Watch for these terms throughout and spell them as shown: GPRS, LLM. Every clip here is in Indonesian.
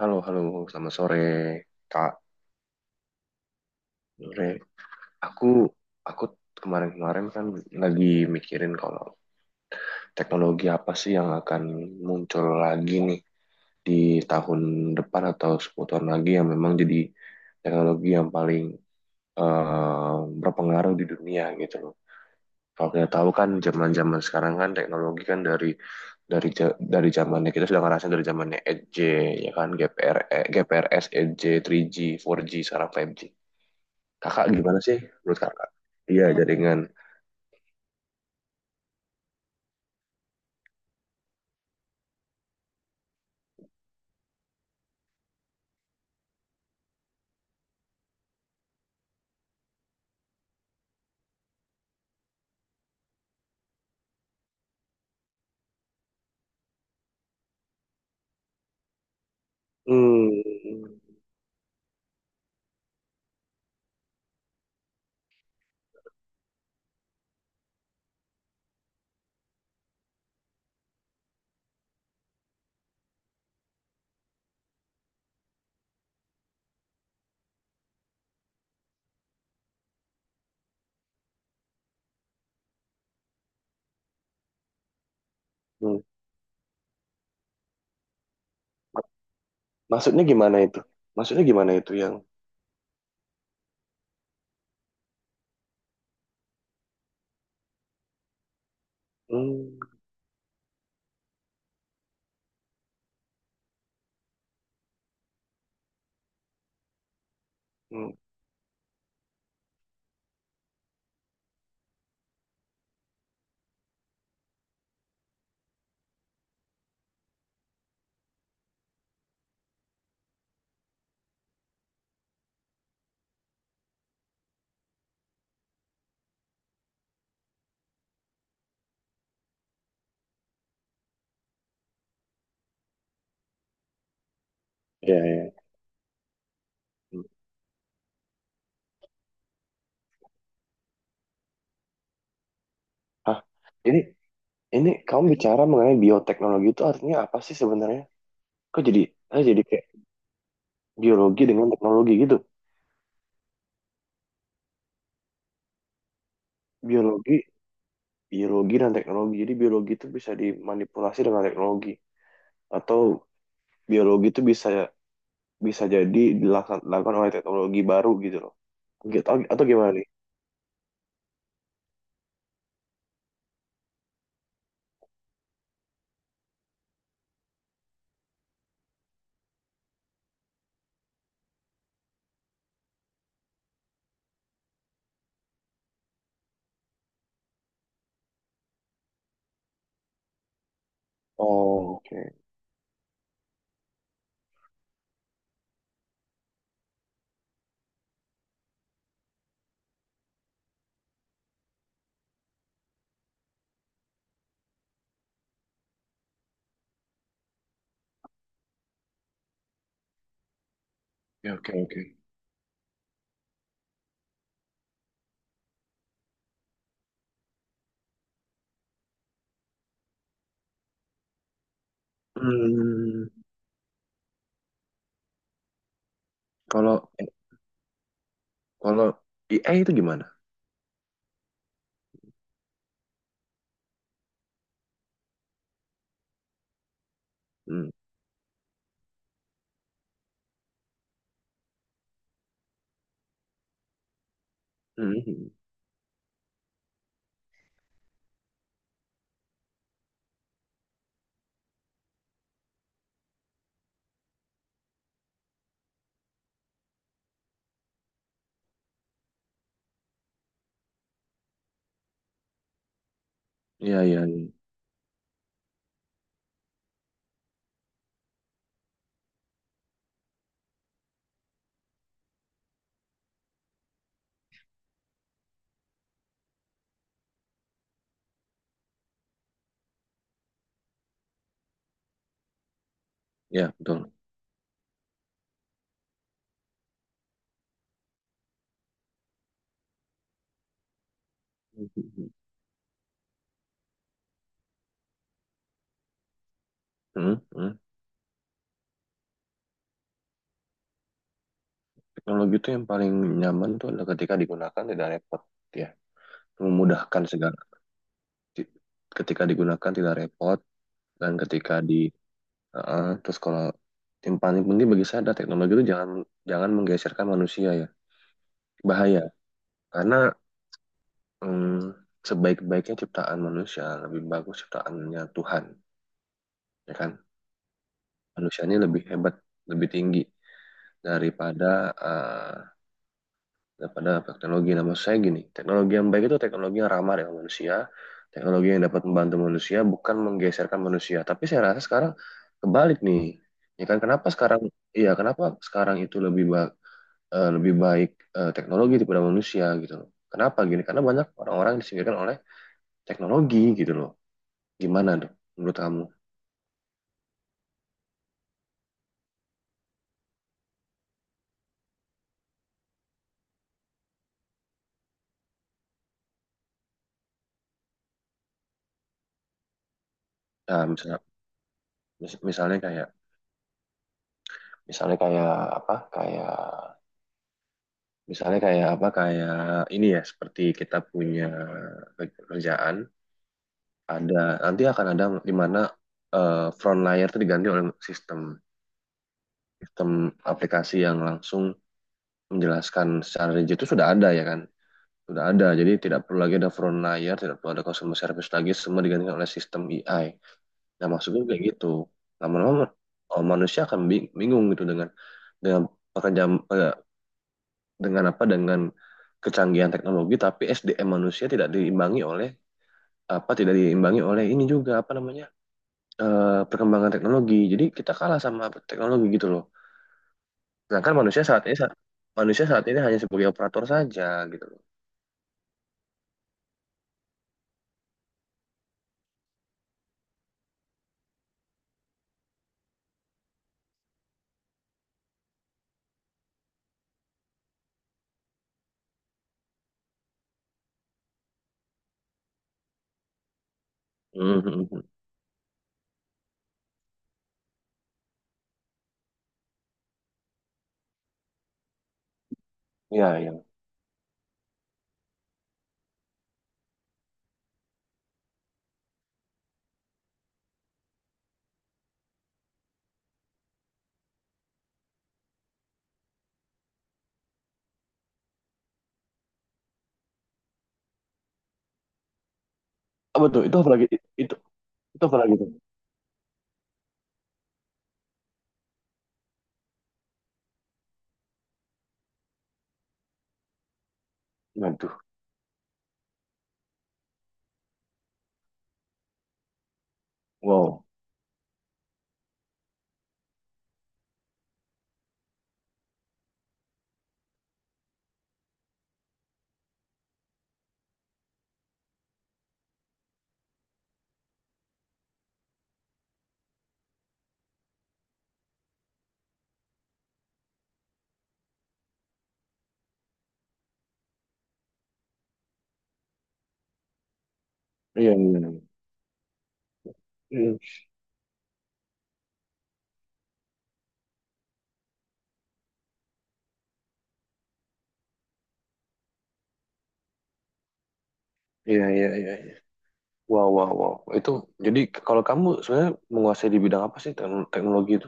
Halo, halo, selamat sore, Kak. Sore. Aku, aku kemarin-kemarin kan lagi mikirin kalau teknologi apa sih yang akan muncul lagi nih di tahun depan atau 10 tahun lagi yang memang jadi teknologi yang paling berpengaruh di dunia gitu loh. Kalau kita tahu kan zaman-zaman sekarang kan teknologi kan dari zamannya kita sudah ngerasain dari zamannya 8G ya kan GPRS 8G 3G 4G sekarang 5G. Kakak gimana sih menurut kakak? Iya, jaringan. Hmm, hmm. Maksudnya gimana itu? Maksudnya gimana itu yang? Hmm, hmm. Iya, iya. Hmm. Hah, ini ini kamu bicara mengenai bioteknologi itu artinya apa sih sebenarnya? Kok jadi. Ah, jadi kayak biologi dengan teknologi gitu? Biologi, biologi dan teknologi. Jadi biologi itu bisa dimanipulasi dengan teknologi, atau biologi itu bisa bisa jadi dilakukan dilakukan oleh teknologi baru gitu loh. Gitu, atau gimana nih? Oh, oke. Ya, oke, oke. Hmm, kalau kalau IA itu gimana? Hmm, hmm, hmm. Ya, ya, ya, betul. Hmm, hmm, hmm. Teknologi itu yang paling nyaman tuh adalah ketika digunakan tidak repot, ya, memudahkan segala. Ti- Ketika digunakan tidak repot dan ketika di, heeh, terus kalau yang paling penting bagi saya adalah teknologi itu jangan jangan menggeserkan manusia ya, bahaya. Karena hmm, sebaik-baiknya ciptaan manusia lebih bagus ciptaannya Tuhan, ya kan? Manusianya lebih hebat, lebih tinggi daripada eh, daripada teknologi. Nah, maksud saya gini, teknologi yang baik itu teknologi yang ramah dengan manusia, teknologi yang dapat membantu manusia, bukan menggeserkan manusia. Tapi saya rasa sekarang kebalik nih. Ya kan, iya, kenapa sekarang itu lebih baik teknologi daripada manusia gitu loh. Kenapa gini? Karena banyak orang-orang yang disingkirkan oleh teknologi gitu loh. Gimana tuh menurut kamu? Nah, misalnya, mis- misalnya kayak, misalnya kayak apa? Kayak. Misalnya kayak apa, kayak ini ya, seperti kita punya kerjaan, ada nanti akan ada di mana front layer itu diganti oleh sistem sistem aplikasi yang langsung menjelaskan secara rigid itu sudah ada ya kan, sudah ada. Jadi tidak perlu lagi ada front layer, tidak perlu ada customer service lagi, semua digantikan oleh sistem AI. Nah, maksudnya kayak gitu. Lama-lama oh, manusia akan bingung gitu dengan pekerjaan, dengan apa, dengan kecanggihan teknologi, tapi SDM manusia tidak diimbangi oleh apa, tidak diimbangi oleh ini juga apa namanya, perkembangan teknologi, jadi kita kalah sama teknologi gitu loh, sedangkan manusia saat ini manusia saat ini hanya sebagai operator saja gitu loh. Mhm. Iya, iya. Oh, betul. Itu apa lagi? Itu, itu apa lagi tuh? Waduh. Wow. Iya, iya. Hmm. Iya, iya, iya, iya. Wow, wow, wow. Itu, jadi kalau kamu sebenarnya menguasai di bidang apa sih teknologi itu?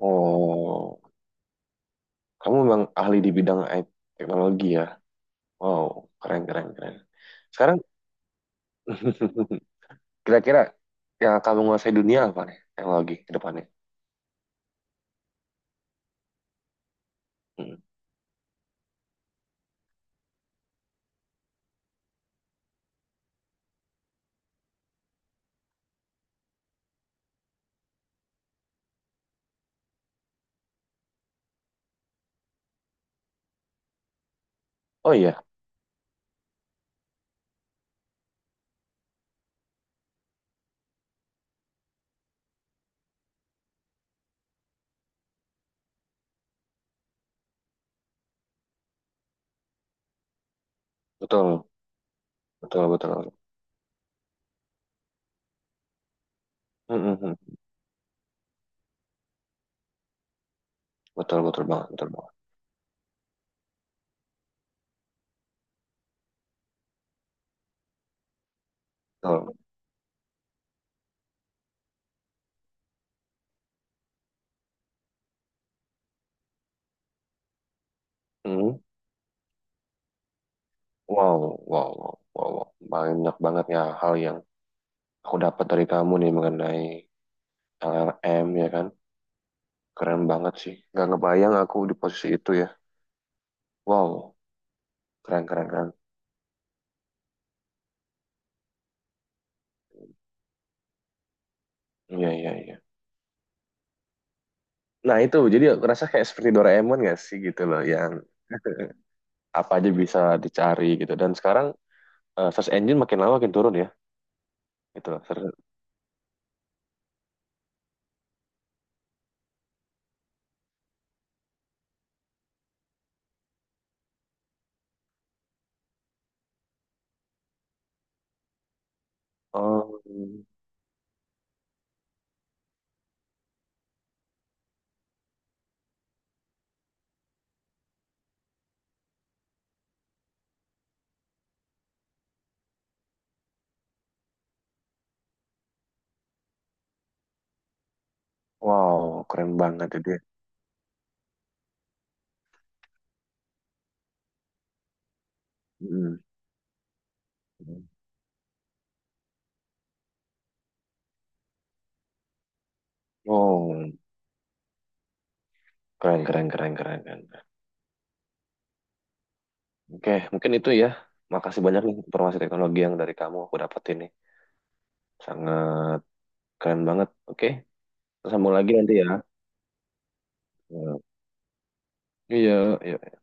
Oh. Kamu memang ahli di bidang IT teknologi ya. Wow, keren, keren, keren. Sekarang kira-kira yang akan menguasai dunia apa nih? Teknologi ke depannya. Hmm. Oh iya, betul, betul, betul. Hmm, hmm, hmm. Betul, betul banget, betul banget. Betul. Hmm. Wow, wow, wow, wow, wow. Banyak banget ya hal yang aku dapat dari kamu nih mengenai L L M ya kan. Keren banget sih. Gak ngebayang aku di posisi itu ya. Wow, keren, keren, keren. Iya, iya, iya. Nah, itu jadi rasa kayak seperti Doraemon gak sih gitu loh, yang apa aja bisa dicari gitu, dan sekarang search engine makin lama makin turun ya gitu loh. Search-. Oh, wow, keren banget itu dia. Mm. Oh, keren, keren, keren, keren, keren. Oke, mungkin itu ya. Makasih banyak nih informasi teknologi yang dari kamu aku dapetin nih. Sangat keren banget. Oke, kita sambung lagi nanti ya. Ya. Iya, iya.